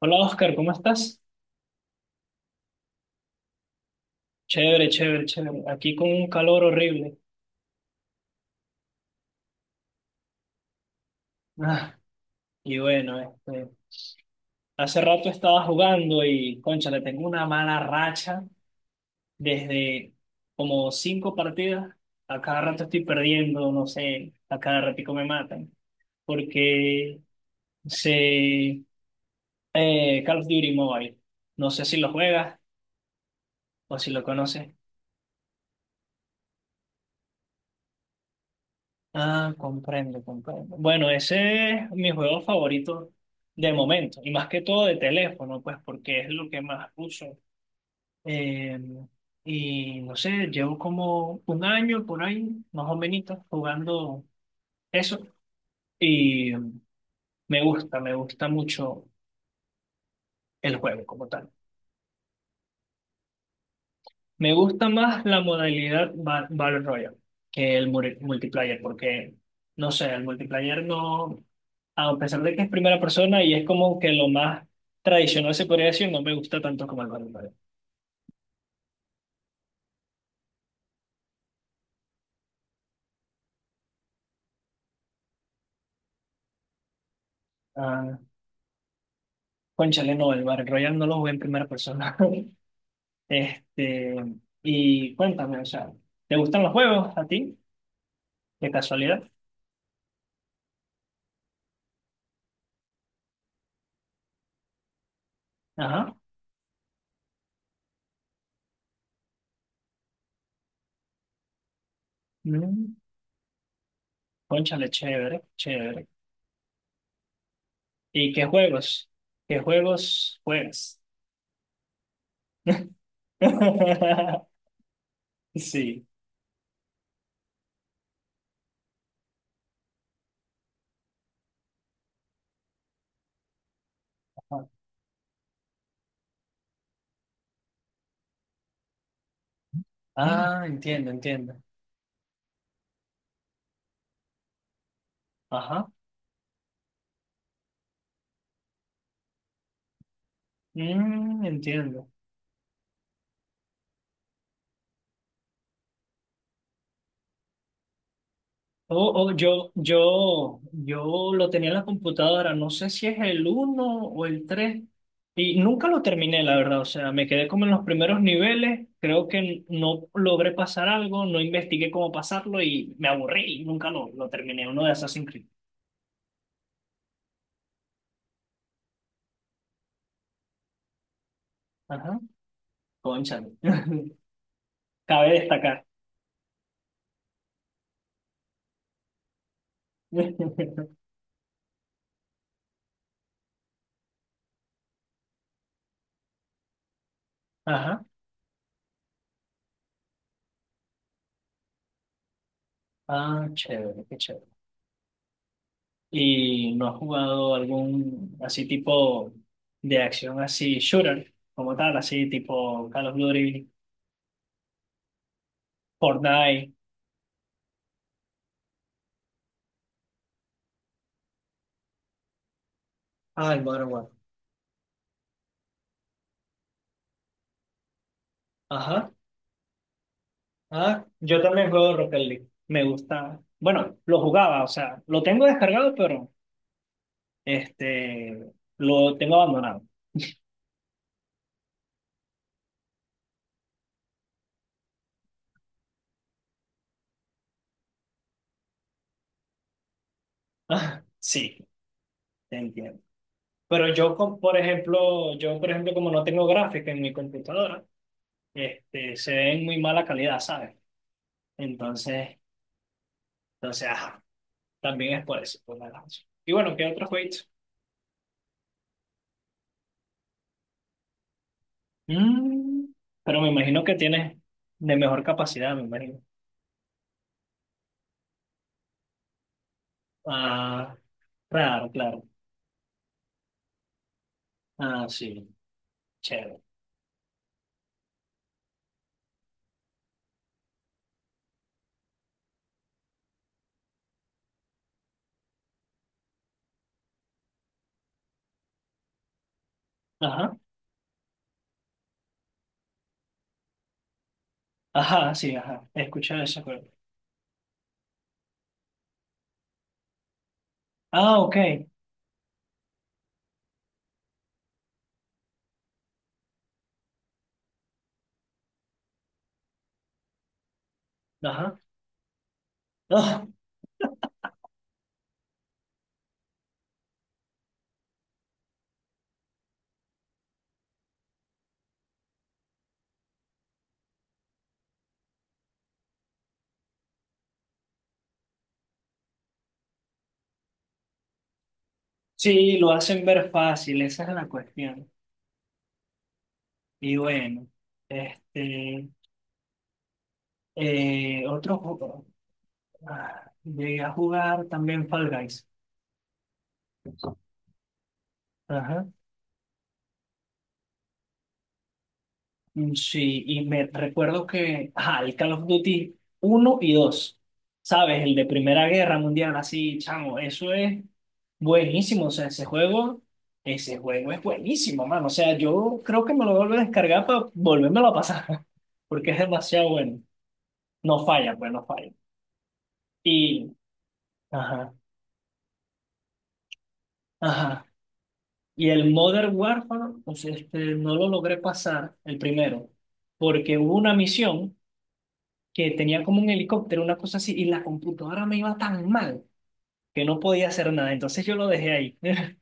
Hola Oscar, ¿cómo estás? Chévere, chévere, chévere. Aquí con un calor horrible. Ah, y bueno, este, hace rato estaba jugando y, concha, le tengo una mala racha desde como cinco partidas. A cada rato estoy perdiendo, no sé, a cada ratico me matan. Porque se... Call of Duty Mobile. No sé si lo juegas o si lo conoces. Ah, comprendo, comprendo. Bueno, ese es mi juego favorito de momento, y más que todo de teléfono, pues porque es lo que más uso. Eh, y no sé, llevo como un año por ahí, más o menos, jugando eso, y me gusta mucho el juego como tal. Me gusta más la modalidad Battle Royale que el multiplayer, porque, no sé, el multiplayer no... a pesar de que es primera persona y es como que lo más tradicional se podría decir, no me gusta tanto como el Battle Royale. Ah, cónchale, no, el Battle Royale no lo jugué en primera persona. Este, y cuéntame, o sea, ¿te gustan los juegos a ti? De casualidad. Ajá. Mm, cónchale, chévere, chévere. ¿Y qué juegos? ¿Qué juegos juegas? Sí. Ah, entiendo, entiendo. Ajá. Entiendo. Oh, oh, yo lo tenía en la computadora, no sé si es el uno o el 3 y nunca lo terminé, la verdad, o sea, me quedé como en los primeros niveles, creo que no logré pasar algo, no investigué cómo pasarlo y me aburrí y nunca lo terminé, uno de Assassin's Creed. Ajá, cónchale, cabe destacar. Ajá, ah, chévere, qué chévere. ¿Y no has jugado algún así tipo de acción así shooter como tal, así tipo Call of Duty, Fortnite? Ah, el Modern Warfare. Ajá. Ah, yo también juego Rocket League. Me gusta. Bueno, lo jugaba, o sea, lo tengo descargado, pero lo tengo abandonado. Ah, sí, te entiendo. Pero yo, por ejemplo, como no tengo gráfica en mi computadora, se ve en muy mala calidad, ¿sabes? Entonces, entonces, también es por eso, por la danza. Y bueno, ¿qué otros jueguitos? Mm, pero me imagino que tienes de mejor capacidad, me imagino. Ah, claro, claro. Ah, sí, chévere. Ajá, ajá, sí, ajá. He escuchado eso, pero- Ah, ok. Ajá. Ah, sí, lo hacen ver fácil, esa es la cuestión. Y bueno, este, otro juego. Ah, llegué a jugar también Fall Guys. Ajá. Mm, sí, y me recuerdo que, ajá, el Call of Duty uno y dos, ¿sabes? El de Primera Guerra Mundial, así, chamo, eso es buenísimo, o sea, ese juego es buenísimo, mano, o sea, yo creo que me lo vuelvo a descargar para volvérmelo a pasar, porque es demasiado bueno, no falla, pues, no falla. Y, ajá, ajá, y el Modern Warfare, pues, no lo logré pasar, el primero, porque hubo una misión que tenía como un helicóptero, una cosa así, y la computadora me iba tan mal que no podía hacer nada, entonces yo lo dejé ahí.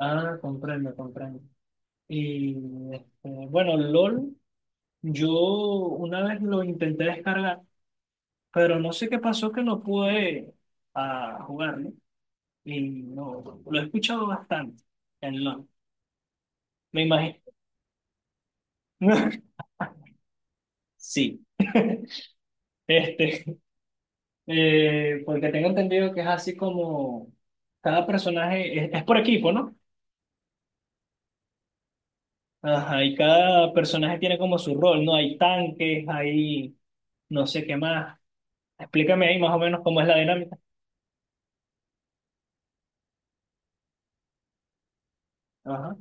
Ah, comprendo, comprendo. Y bueno, LOL, yo una vez lo intenté descargar, pero no sé qué pasó que no pude jugarlo. Y no, lo he escuchado bastante en LOL, me imagino. Sí. Este, porque tengo entendido que es así como cada personaje es por equipo, ¿no? Ajá, y cada personaje tiene como su rol, ¿no? Hay tanques, hay no sé qué más. Explícame ahí más o menos cómo es la dinámica. Ajá,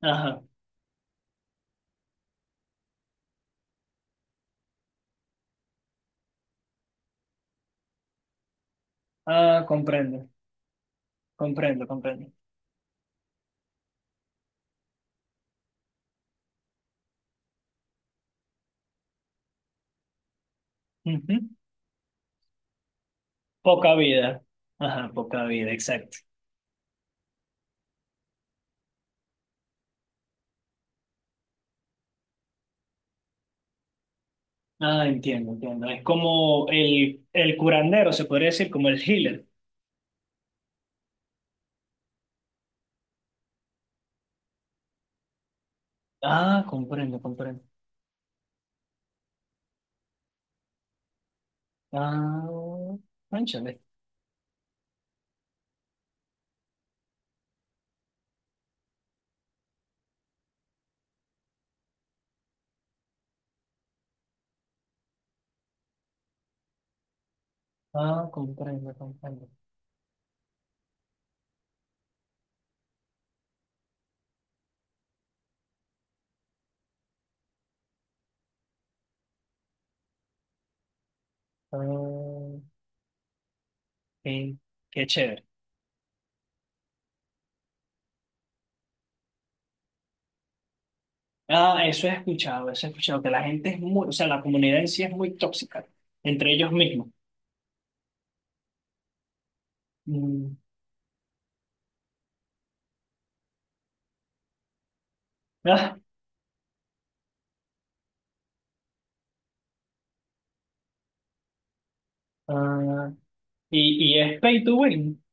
ajá. Ah, comprendo, comprendo, comprendo. Ujú. Poca vida. Ajá, poca vida, exacto. Ah, entiendo, entiendo. Es como el curandero, se podría decir, como el healer. Ah, comprendo, comprendo. Ah, cónchale. Ah, comprendo, comprendo. Ah, qué, qué chévere. Ah, eso he escuchado, que la gente es muy, o sea, la comunidad en sí es muy tóxica entre ellos mismos. Mm, ah, ah, y, es pay to win.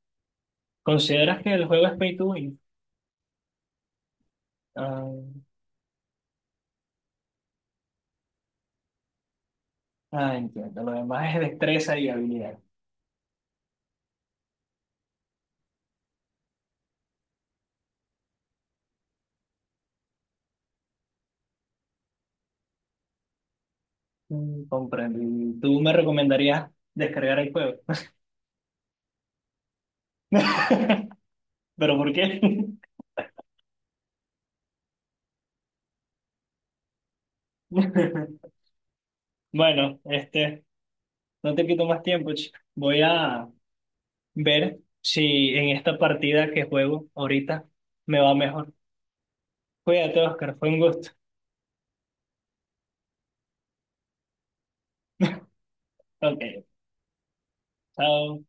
¿Consideras que el juego es pay to win? Ah, ah, entiendo, lo demás es destreza y habilidad. Comprendo. ¿Y tú me recomendarías descargar el juego? ¿Pero por qué? Bueno, no te quito más tiempo, chico. Voy a ver si en esta partida que juego ahorita me va mejor. Cuídate, Oscar, fue un gusto. Ok, chao.